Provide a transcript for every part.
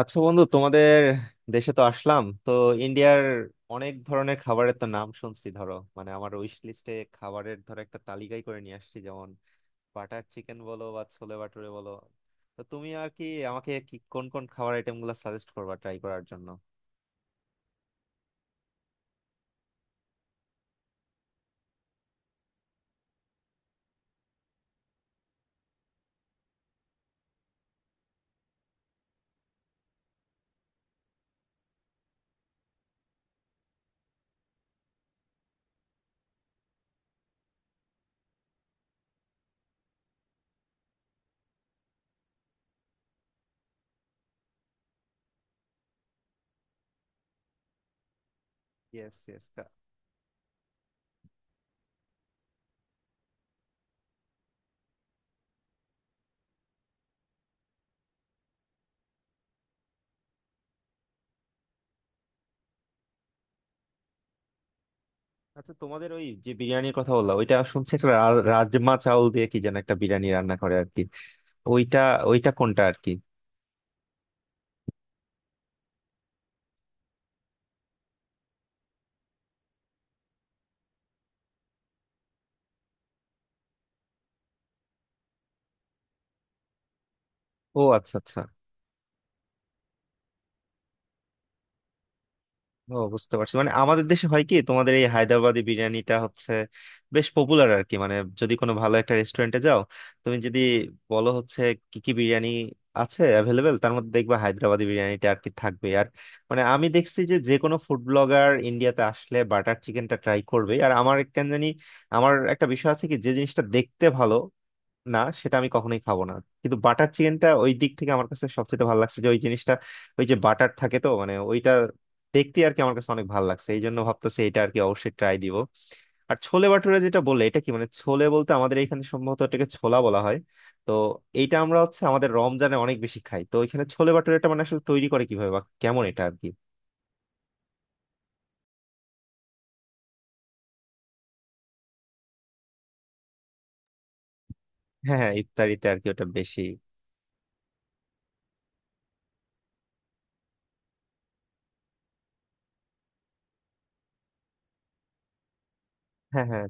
আচ্ছা বন্ধু, তোমাদের দেশে তো আসলাম। তো ইন্ডিয়ার অনেক ধরনের খাবারের তো নাম শুনছি। ধরো, মানে আমার উইশ লিস্টে খাবারের ধরো একটা তালিকাই করে নিয়ে আসছি, যেমন বাটার চিকেন বলো বা ছোলে ভাটুরে বলো। তো তুমি আর কি আমাকে কি কোন কোন খাবার আইটেম গুলো সাজেস্ট করবা ট্রাই করার জন্য? Yes, yes. আচ্ছা তোমাদের ওই যে বিরিয়ানির কথা বললাম, ওইটা শুনছি একটা রাজমা চাউল দিয়ে কি যেন একটা বিরিয়ানি রান্না করে আর কি। ওইটা ওইটা কোনটা আর কি? ও আচ্ছা আচ্ছা। ও বুঝতে পারছি, মানে আমাদের দেশে হয় কি তোমাদের এই হায়দ্রাবাদি বিরিয়ানিটা হচ্ছে বেশ পপুলার আর কি। মানে যদি কোনো ভালো একটা রেস্টুরেন্টে যাও, তুমি যদি বলো হচ্ছে কি কি বিরিয়ানি আছে অ্যাভেলেবেল, তার মধ্যে দেখবা হায়দ্রাবাদি বিরিয়ানিটা আর কি থাকবে। আর মানে আমি দেখছি যে যে কোনো ফুড ব্লগার ইন্ডিয়াতে আসলে বাটার চিকেনটা ট্রাই করবে। আর আমার কেন জানি আমার একটা বিষয় আছে কি, যে জিনিসটা দেখতে ভালো না সেটা আমি কখনোই খাবো না, কিন্তু বাটার চিকেনটা ওই দিক থেকে আমার কাছে সবচেয়ে ভালো লাগছে, যে ওই জিনিসটা ওই যে বাটার থাকে তো, মানে ওইটা দেখতে আর কি আমার কাছে অনেক ভালো লাগছে। এই জন্য ভাবতেছি এটা আর কি অবশ্যই ট্রাই দিব। আর ছোলে ভাটুরে যেটা বলে এটা কি, মানে ছোলে বলতে আমাদের এখানে সম্ভবত এটাকে ছোলা বলা হয়। তো এইটা আমরা হচ্ছে আমাদের রমজানে অনেক বেশি খাই। তো এখানে ছোলে ভাটুরেটা মানে আসলে তৈরি করে কিভাবে বা কেমন এটা আর কি? হ্যাঁ হ্যাঁ, ইফতারিতে আর কি ওটা বেশি। হ্যাঁ হ্যাঁ।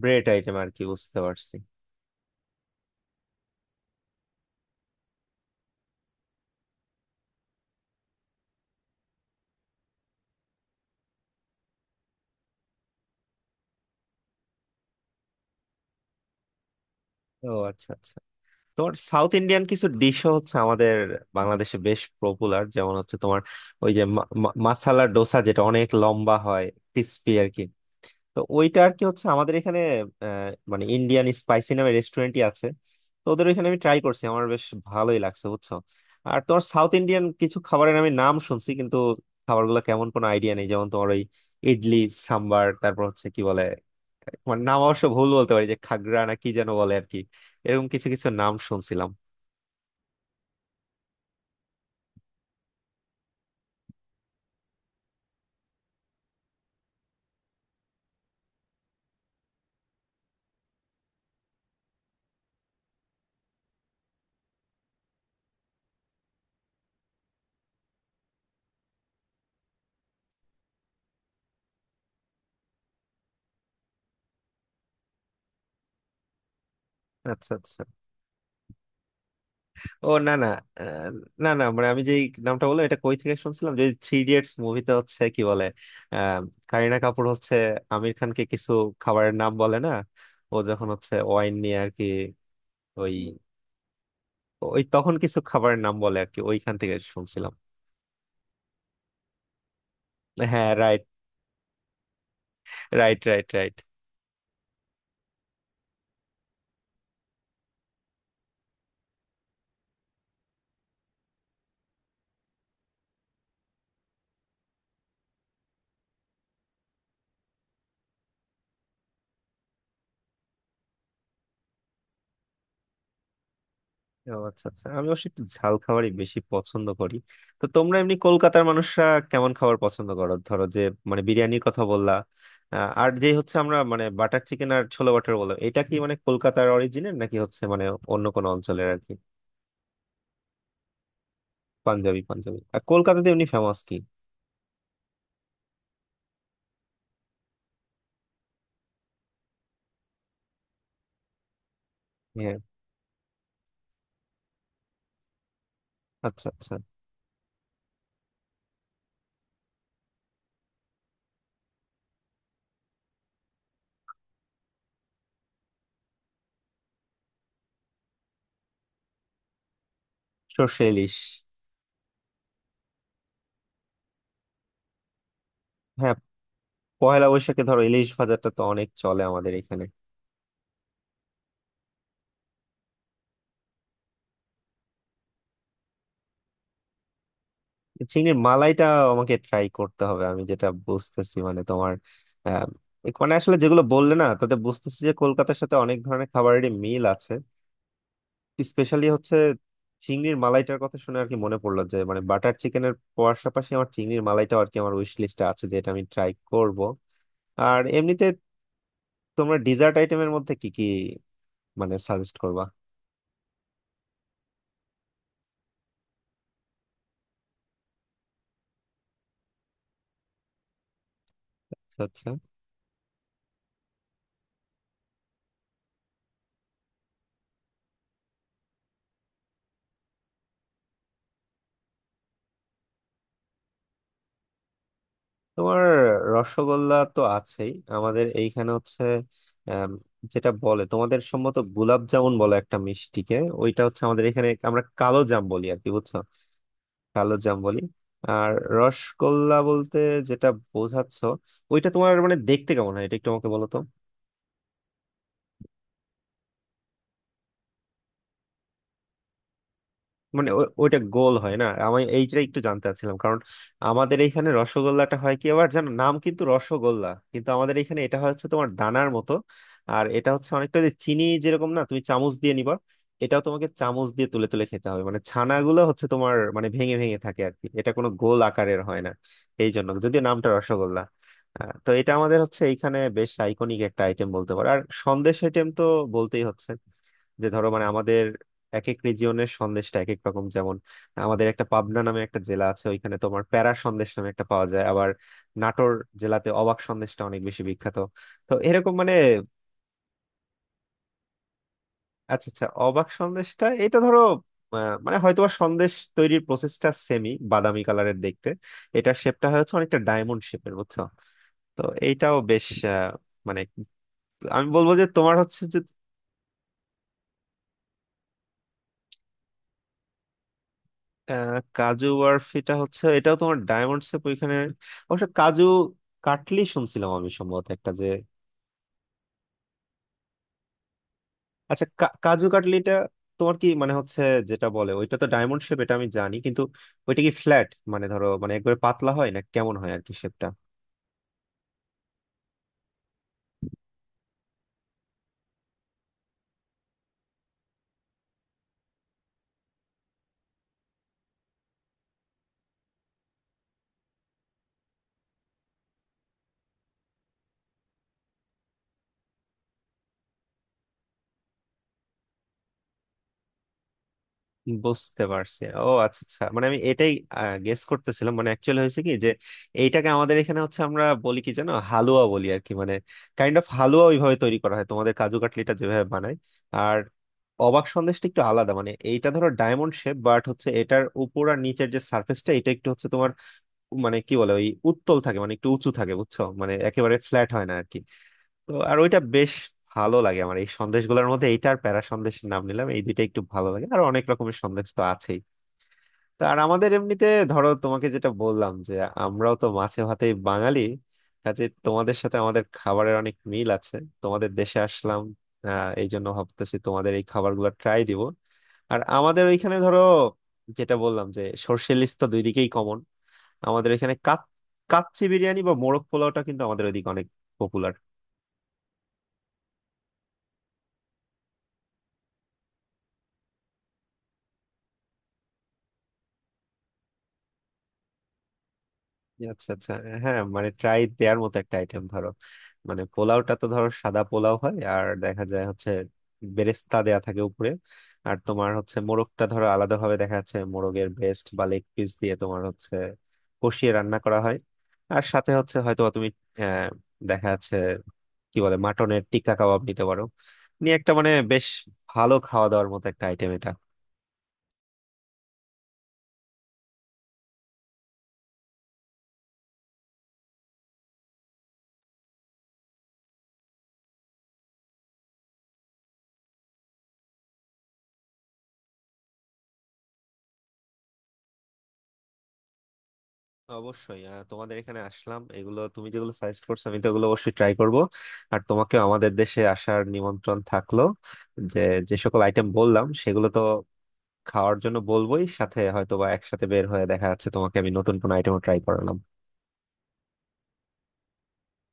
ব্রেড আইটেম আর কি, বুঝতে পারছি। ও আচ্ছা আচ্ছা। তোমার সাউথ ইন্ডিয়ান কিছু ডিশও হচ্ছে আমাদের বাংলাদেশে বেশ পপুলার, যেমন হচ্ছে তোমার ওই যে মা- মা- মাসালা ডোসা, যেটা অনেক লম্বা হয়, ক্রিস্পি আর কি। তো ওইটা আর কি হচ্ছে আমাদের এখানে মানে ইন্ডিয়ান স্পাইসি নামে রেস্টুরেন্টই আছে। তো ওদের ওইখানে আমি ট্রাই করছি, আমার বেশ ভালোই লাগছে, বুঝছো। আর তোমার সাউথ ইন্ডিয়ান কিছু খাবারের আমি নাম শুনছি, কিন্তু খাবারগুলো কেমন কোনো আইডিয়া নেই, যেমন তোমার ওই ইডলি, সাম্বার, তারপর হচ্ছে কি বলে, মানে নাম অবশ্য ভুল বলতে পারি, যে খাগড়া না কি যেন বলে আর কি। এরকম কিছু কিছু নাম শুনছিলাম। আচ্ছা আচ্ছা। ও না না। আহ, না না, মানে আমি যে নামটা বললাম এটা কই থেকে শুনছিলাম যদি থ্রি ইডিয়টস মুভিতে, হচ্ছে কি বলে, আহ, কারিনা কাপুর হচ্ছে আমির খানকে কিছু খাবারের নাম বলে না, ও যখন হচ্ছে ওয়াইন নিয়ে আর কি, ওই ওই তখন কিছু খাবারের নাম বলে আর কি, ওইখান থেকে শুনছিলাম। হ্যাঁ, রাইট। Right, right, right. ও আচ্ছা আচ্ছা, আমি অবশ্যই একটু ঝাল খাবারই বেশি পছন্দ করি। তো তোমরা এমনি কলকাতার মানুষরা কেমন খাবার পছন্দ করো, ধরো যে, মানে বিরিয়ানির কথা বললা, আর যে হচ্ছে আমরা মানে বাটার চিকেন আর ছোলা বাটার বললাম, এটা কি মানে কলকাতার অরিজিনের নাকি, হচ্ছে মানে অন্য কোনো অঞ্চলের আর কি? পাঞ্জাবি, পাঞ্জাবি। আর কলকাতাতে এমনি ফেমাস কি? হ্যাঁ। আচ্ছা আচ্ছা। সর্ষে ইলিশ। হ্যাঁ, পয়লা বৈশাখে ধরো ইলিশ ভাজাটা তো অনেক চলে আমাদের এখানে। চিংড়ির মালাইটা আমাকে ট্রাই করতে হবে। আমি যেটা বুঝতেছি, মানে তোমার আহ, মানে আসলে যেগুলো বললে না, তাতে বুঝতেছি যে কলকাতার সাথে অনেক ধরনের খাবারেরই মিল আছে। স্পেশালি হচ্ছে চিংড়ির মালাইটার কথা শুনে আর কি মনে পড়লো যে, মানে বাটার চিকেনের পাশাপাশি আমার চিংড়ির মালাইটাও আর কি আমার উইশ লিস্টে আছে, যে এটা আমি ট্রাই করব। আর এমনিতে তোমরা ডিজার্ট আইটেমের মধ্যে কি কি মানে সাজেস্ট করবা? আচ্ছা আচ্ছা। তোমার রসগোল্লা তো আছেই। আমাদের এইখানে হচ্ছে আম, যেটা বলে তোমাদের সম্ভবত গোলাপ জামুন বলে একটা মিষ্টিকে, ওইটা হচ্ছে আমাদের এখানে আমরা কালো জাম বলি আর কি, বুঝছো। কালো জাম বলি। আর রসগোল্লা বলতে যেটা বোঝাচ্ছ, ওইটা তোমার মানে দেখতে কেমন হয় এটা একটু আমাকে বলো তো। মানে ওইটা গোল হয় না, আমি এইটা একটু জানতে চাচ্ছিলাম, কারণ আমাদের এইখানে রসগোল্লাটা হয় কি, আবার জানো নাম কিন্তু রসগোল্লা, কিন্তু আমাদের এইখানে এটা হয় হচ্ছে তোমার দানার মতো। আর এটা হচ্ছে অনেকটা যে চিনি যেরকম না তুমি চামচ দিয়ে নিবা, এটাও তোমাকে চামচ দিয়ে তুলে তুলে খেতে হবে, মানে ছানাগুলো হচ্ছে তোমার মানে ভেঙে ভেঙে থাকে আর কি, এটা কোনো গোল আকারের হয় না। এই জন্য যদিও নামটা রসগোল্লা, তো এটা আমাদের হচ্ছে এইখানে বেশ আইকনিক একটা আইটেম বলতে পারো। আর সন্দেশ আইটেম তো বলতেই হচ্ছে, যে ধরো মানে আমাদের এক এক রিজিয়নের সন্দেশটা এক এক রকম, যেমন আমাদের একটা পাবনা নামে একটা জেলা আছে, ওইখানে তোমার প্যারা সন্দেশ নামে একটা পাওয়া যায়। আবার নাটোর জেলাতে অবাক সন্দেশটা অনেক বেশি বিখ্যাত। তো এরকম মানে। আচ্ছা আচ্ছা, অবাক সন্দেশটা এটা ধরো মানে হয়তো সন্দেশ তৈরির প্রসেসটা সেমি বাদামি কালারের দেখতে, এটার শেপটা হচ্ছে অনেকটা ডায়মন্ড শেপের, বুঝছো। তো এইটাও বেশ আহ, মানে আমি বলবো যে তোমার হচ্ছে যে কাজু বরফিটা হচ্ছে এটাও তোমার ডায়মন্ড শেপ ওইখানে। অবশ্য কাজু কাটলি শুনছিলাম আমি সম্ভবত একটা যে। আচ্ছা কাজু কাটলিটা তোমার কি মানে হচ্ছে যেটা বলে, ওইটা তো ডায়মন্ড শেপ এটা আমি জানি, কিন্তু ওইটা কি ফ্ল্যাট মানে ধরো মানে একবারে পাতলা হয়, না কেমন হয় আর কি শেপটা? বুঝতে পারছি, ও আচ্ছা আচ্ছা, মানে আমি এটাই গেস করতেছিলাম। মানে অ্যাকচুয়ালি হয়েছে কি যে এইটাকে আমাদের এখানে হচ্ছে আমরা বলি কি জানো হালুয়া বলি আর কি, মানে কাইন্ড অফ হালুয়া ওইভাবে তৈরি করা হয় তোমাদের কাজু কাটলিটা যেভাবে বানায়। আর অবাক সন্দেশটা একটু আলাদা, মানে এইটা ধরো ডায়মন্ড শেপ বাট হচ্ছে এটার উপর আর নিচের যে সার্ফেসটা এটা একটু হচ্ছে তোমার, মানে কি বলে ওই উত্তল থাকে, মানে একটু উঁচু থাকে, বুঝছো, মানে একেবারে ফ্ল্যাট হয় না আর কি। তো আর ওইটা বেশ ভালো লাগে আমার। এই সন্দেশগুলোর মধ্যে এইটার প্যারা সন্দেশের নাম নিলাম, এই দুইটা একটু ভালো লাগে, আর অনেক রকমের সন্দেশ তো আছেই। তো আর আমাদের এমনিতে ধরো তোমাকে যেটা বললাম যে আমরাও তো মাছে ভাতেই বাঙালি, কাজে তোমাদের সাথে আমাদের খাবারের অনেক মিল আছে। তোমাদের দেশে আসলাম, আহ, এই জন্য ভাবতেছি তোমাদের এই খাবারগুলো ট্রাই দিব। আর আমাদের ওইখানে ধরো যেটা বললাম যে সর্ষে ইলিশ তো দুই দিকেই কমন। আমাদের এখানে কাচ্চি বিরিয়ানি বা মোরগ পোলাওটা কিন্তু আমাদের ওইদিকে অনেক পপুলার। আচ্ছা আচ্ছা। হ্যাঁ, মানে ট্রাই দেওয়ার মতো একটা আইটেম ধরো, মানে পোলাওটা তো ধরো সাদা পোলাও হয় আর দেখা যায় হচ্ছে বেরেস্তা দেয়া থাকে উপরে। আর তোমার হচ্ছে মোরগটা ধরো আলাদা ভাবে দেখা যাচ্ছে মোরগের ব্রেস্ট বা লেগ পিস দিয়ে তোমার হচ্ছে কষিয়ে রান্না করা হয়। আর সাথে হচ্ছে হয়তো তুমি আহ, দেখা যাচ্ছে কি বলে মাটনের টিক্কা কাবাব নিতে পারো নিয়ে একটা, মানে বেশ ভালো খাওয়া দাওয়ার মতো একটা আইটেম এটা। অবশ্যই, তোমাদের এখানে আসলাম, এগুলো তুমি যেগুলো সাজেস্ট করছো, আমি তো এগুলো অবশ্যই ট্রাই করব। আর তোমাকে আমাদের দেশে আসার নিমন্ত্রণ থাকলো, যে যে সকল আইটেম বললাম সেগুলো তো খাওয়ার জন্য বলবোই, সাথে হয়তো বা একসাথে বের হয়ে দেখা যাচ্ছে তোমাকে আমি নতুন কোনো আইটেমও ট্রাই করালাম।